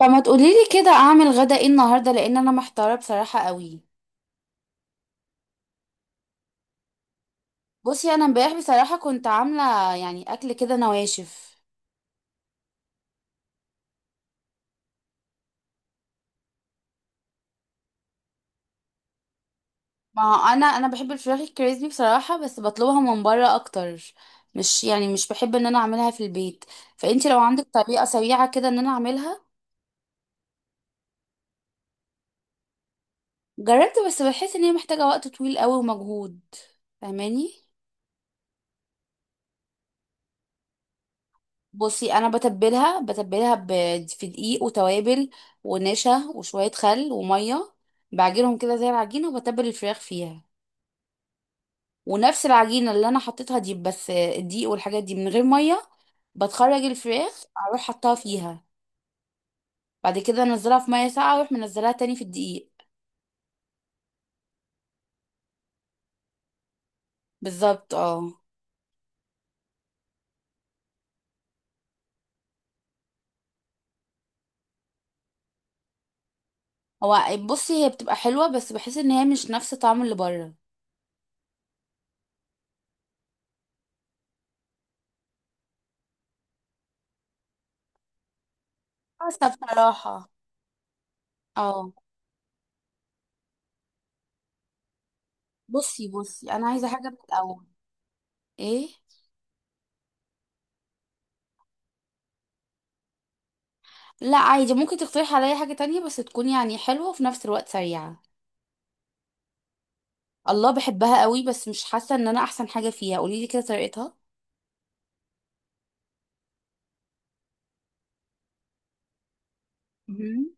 فما تقوليلي كده اعمل غدا ايه النهارده؟ لان انا محتاره بصراحه قوي. بصي، انا امبارح بصراحه كنت عامله يعني اكل كده نواشف. ما هو انا بحب الفراخ الكريسبي بصراحه، بس بطلبها من بره اكتر. مش يعني، مش بحب ان انا اعملها في البيت. فانتي لو عندك طريقه سريعه كده ان انا اعملها. جربت، بس بحس ان هي محتاجه وقت طويل قوي ومجهود. فاهماني؟ بصي، انا بتبلها في دقيق وتوابل، ونشا وشويه خل وميه. بعجنهم كده زي العجينه، وبتبل الفراخ فيها. ونفس العجينه اللي انا حطيتها دي، بس الدقيق والحاجات دي من غير ميه. بتخرج الفراخ اروح حطها فيها. بعد كده انزلها في ميه ساقعه، واروح منزلها تاني في الدقيق. بالظبط، اه. هو، بصي هي بتبقى حلوه، بس بحس ان هي مش نفس طعم اللي بره. حسب بصراحه. اه. بصي، انا عايزه حاجه من الاول. ايه. لا، عادي، ممكن تقترح عليا حاجة تانية بس تكون يعني حلوة وفي نفس الوقت سريعة. الله، بحبها قوي، بس مش حاسة ان انا احسن حاجة فيها. قولي لي كده طريقتها. مهم.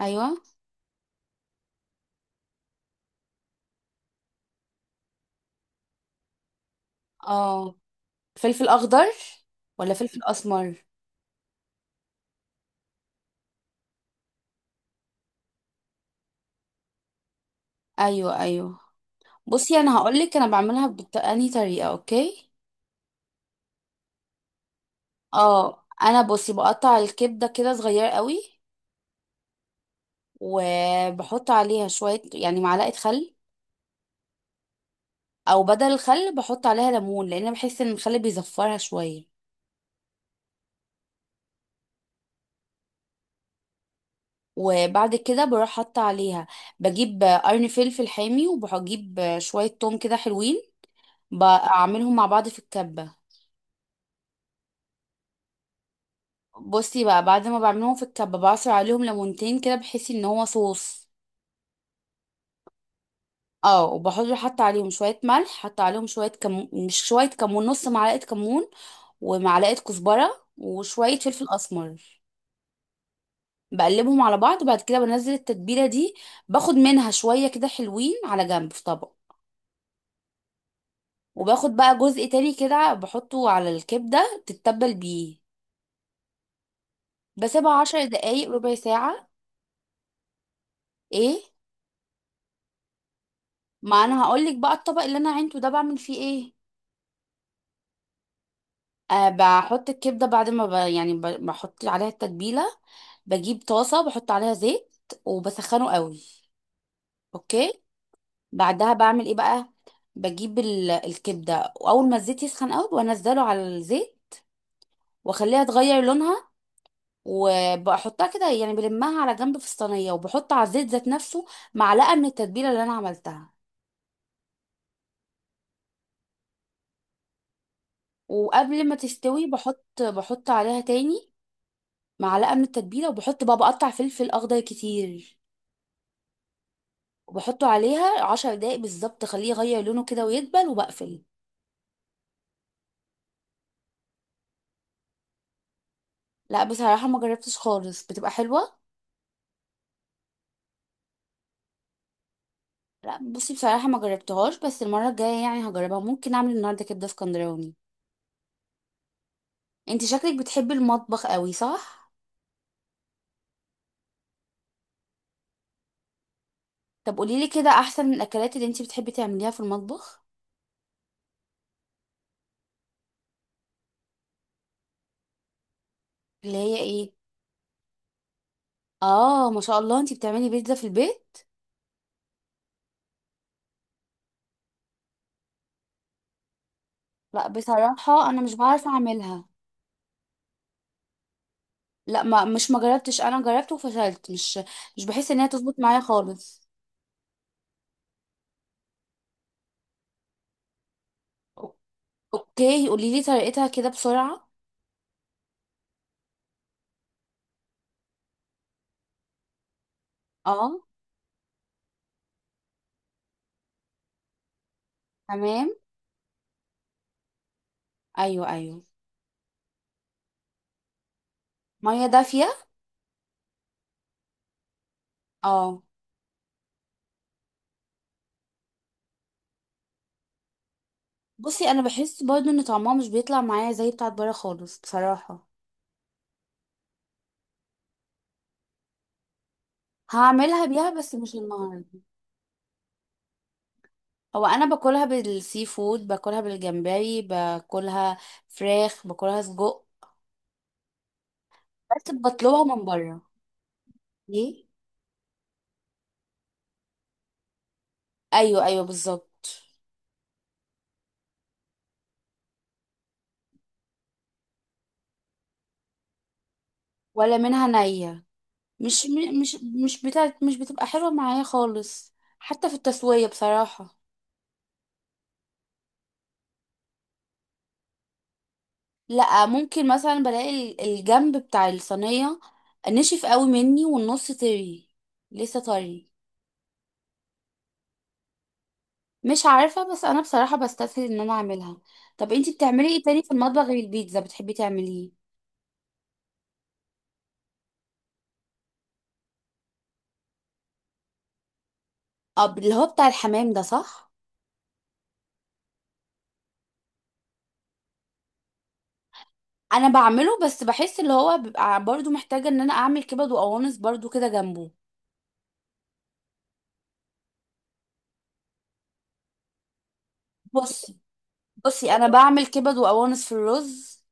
ايوه. اه. فلفل اخضر، ولا فلفل اسمر؟ ايوه، ايوه. بصي، انا هقولك انا بعملها بأنهي طريقة. اوكي. اه، انا بصي بقطع الكبدة كده صغير قوي. وبحط عليها شوية يعني معلقة خل. او بدل الخل بحط عليها ليمون، لان بحس ان الخل بيزفرها شوية. وبعد كده بروح حاطة عليها. بجيب قرن فلفل حامي، وبجيب شوية توم كده حلوين. بعملهم مع بعض في الكبة. بصي بقى، بعد ما بعملهم في الكبة بعصر عليهم ليمونتين كده بحيث ان هو صوص. اه، وبحط عليهم شوية ملح، حط عليهم شوية كمون، مش شوية كمون، نص معلقة كمون. ومعلقة كزبرة وشوية فلفل أسمر. بقلبهم على بعض، وبعد كده بنزل التتبيلة دي. باخد منها شوية كده حلوين على جنب في طبق. وباخد بقى جزء تاني كده بحطه على الكبدة تتبل بيه. بسيبها 10 دقايق، ربع ساعة. ايه. ما انا هقولك بقى. الطبق اللي انا عينته ده، بعمل فيه ايه. أه، بحط الكبدة بعد ما بحط عليها التتبيلة. بجيب طاسة، بحط عليها زيت. وبسخنه قوي. اوكي. بعدها بعمل ايه بقى؟ بجيب الكبدة، واول ما الزيت يسخن قوي بنزله على الزيت. واخليها تغير لونها. وبحطها كده يعني بلمها على جنب في الصينيه، وبحط على الزيت ذات نفسه معلقه من التتبيله اللي انا عملتها. وقبل ما تستوي بحط عليها تاني معلقه من التتبيله، وبحط بقى بقطع فلفل اخضر كتير. وبحطه عليها 10 دقايق بالظبط، اخليه يغير لونه كده ويدبل، وبقفل. لا، بصراحه ما جربتش خالص، بتبقى حلوه. لا، بصي بصراحه ما جربتهاش، بس المره الجايه يعني هجربها. ممكن اعمل النهارده كبده اسكندراني. انت شكلك بتحبي المطبخ قوي، صح؟ طب قوليلي كده احسن من الاكلات اللي انتي بتحبي تعمليها في المطبخ. اللي هي ايه؟ اه، ما شاء الله، انتي بتعملي بيتزا في البيت. لا، بصراحة انا مش بعرف اعملها. لا، ما جربتش، انا جربت وفشلت، مش بحس ان هي تظبط معايا خالص. أو- اوكي، قوليلي طريقتها كده بسرعة. اه. تمام. ايوه، ايوه. مية دافية. اه. بصي، انا بحس برضو ان طعمها مش بيطلع معايا زي بتاعت بره خالص، بصراحة. هعملها بيها، بس مش النهاردة. هو انا باكلها بالسي فود، باكلها بالجمبري، باكلها فراخ، باكلها سجق. بس بطلبها من بره. ليه؟ ايوه، ايوه، بالظبط. ولا منها نية. مش مش بتاعت مش بتبقى حلوة معايا خالص. حتى في التسوية، بصراحة. لا، ممكن مثلا بلاقي الجنب بتاع الصينية نشف قوي مني، والنص طري، لسه طري. مش عارفة، بس انا بصراحة بستسهل ان انا اعملها. طب انتي بتعملي ايه تاني في المطبخ غير البيتزا بتحبي تعمليه؟ اه، اللي هو بتاع الحمام ده، صح؟ انا بعمله، بس بحس اللي هو بيبقى برضو محتاجة ان انا اعمل كبد وقوانص برضو كده جنبه. بصي بصي، انا بعمل كبد وقوانص في الرز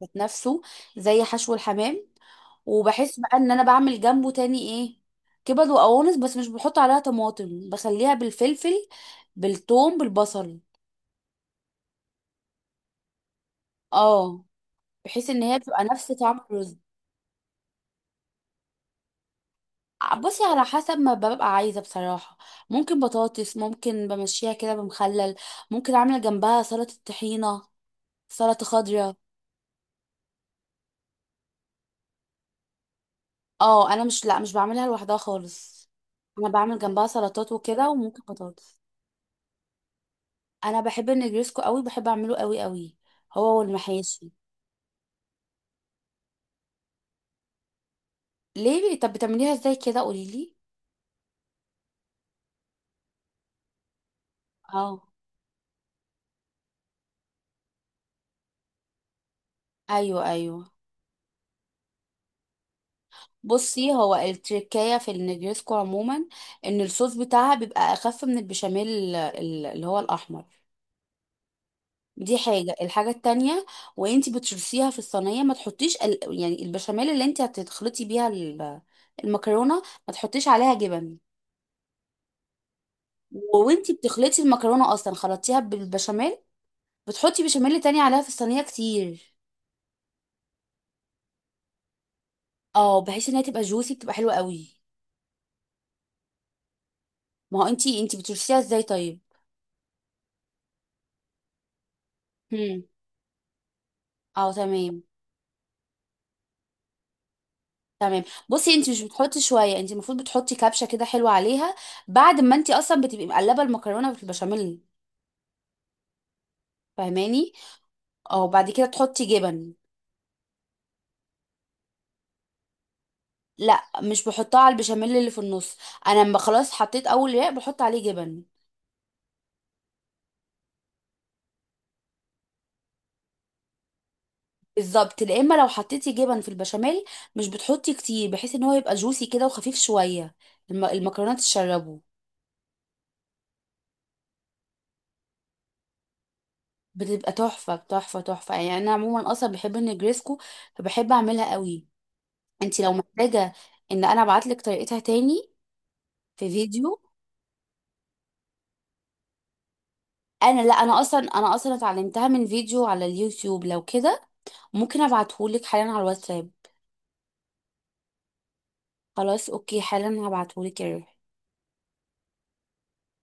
ذات نفسه، زي حشو الحمام. وبحس بقى ان انا بعمل جنبه تاني ايه، كبد وقوانص، بس مش بحط عليها طماطم، بخليها بالفلفل، بالثوم، بالبصل. اه، بحيث ان هي بتبقى نفس طعم الرز. بصي، على حسب ما ببقى عايزة، بصراحة. ممكن بطاطس، ممكن بمشيها كده بمخلل، ممكن اعمل جنبها سلطة طحينة، سلطة خضراء. اه، انا مش بعملها لوحدها خالص. انا بعمل جنبها سلطات وكده، وممكن بطاطس. انا بحب النجريسكو قوي، بحب اعمله قوي قوي، هو والمحاشي. ليه؟ طب بتعمليها ازاي كده؟ قوليلي. اه. ايوه، ايوه. بصي، هو التركية في النجريسكو عموما، ان الصوص بتاعها بيبقى اخف من البشاميل، اللي هو الاحمر. دي حاجة. الحاجة التانية، وانتي بتشرسيها في الصينية ما تحطيش يعني البشاميل اللي انتي هتخلطي بيها المكرونة، ما تحطيش عليها جبن. وانتي بتخلطي المكرونة اصلا، خلطتيها بالبشاميل، بتحطي بشاميل تاني عليها في الصينية كتير. اه، بحيث انها تبقى جوسي، بتبقى حلوة قوي. ما هو انتي بتشرسيها ازاي طيب؟ هم. اه، تمام، تمام. بصي، انتي مش بتحطي شوية، انتي المفروض بتحطي كبشة كده حلوة عليها بعد ما انتي اصلا بتبقي مقلبة المكرونة في البشاميل. فاهماني؟ اه، بعد كده تحطي جبن. لا، مش بحطها على البشاميل اللي في النص، انا لما خلاص حطيت اول رق بحط عليه جبن. بالظبط. لا، اما لو حطيتي جبن في البشاميل، مش بتحطي كتير، بحيث ان هو يبقى جوسي كده وخفيف شويه، المكرونات تشربه. بتبقى تحفه تحفه تحفه، يعني انا عموما اصلا بحب النجريسكو، فبحب اعملها قوي. انت لو محتاجه ان انا ابعتلك طريقتها تاني في فيديو، انا، لا، انا اصلا اتعلمتها من فيديو على اليوتيوب لو كده. ممكن ابعتهولك حالا على الواتساب. خلاص، اوكي، حالا هبعتهولك يا روحي.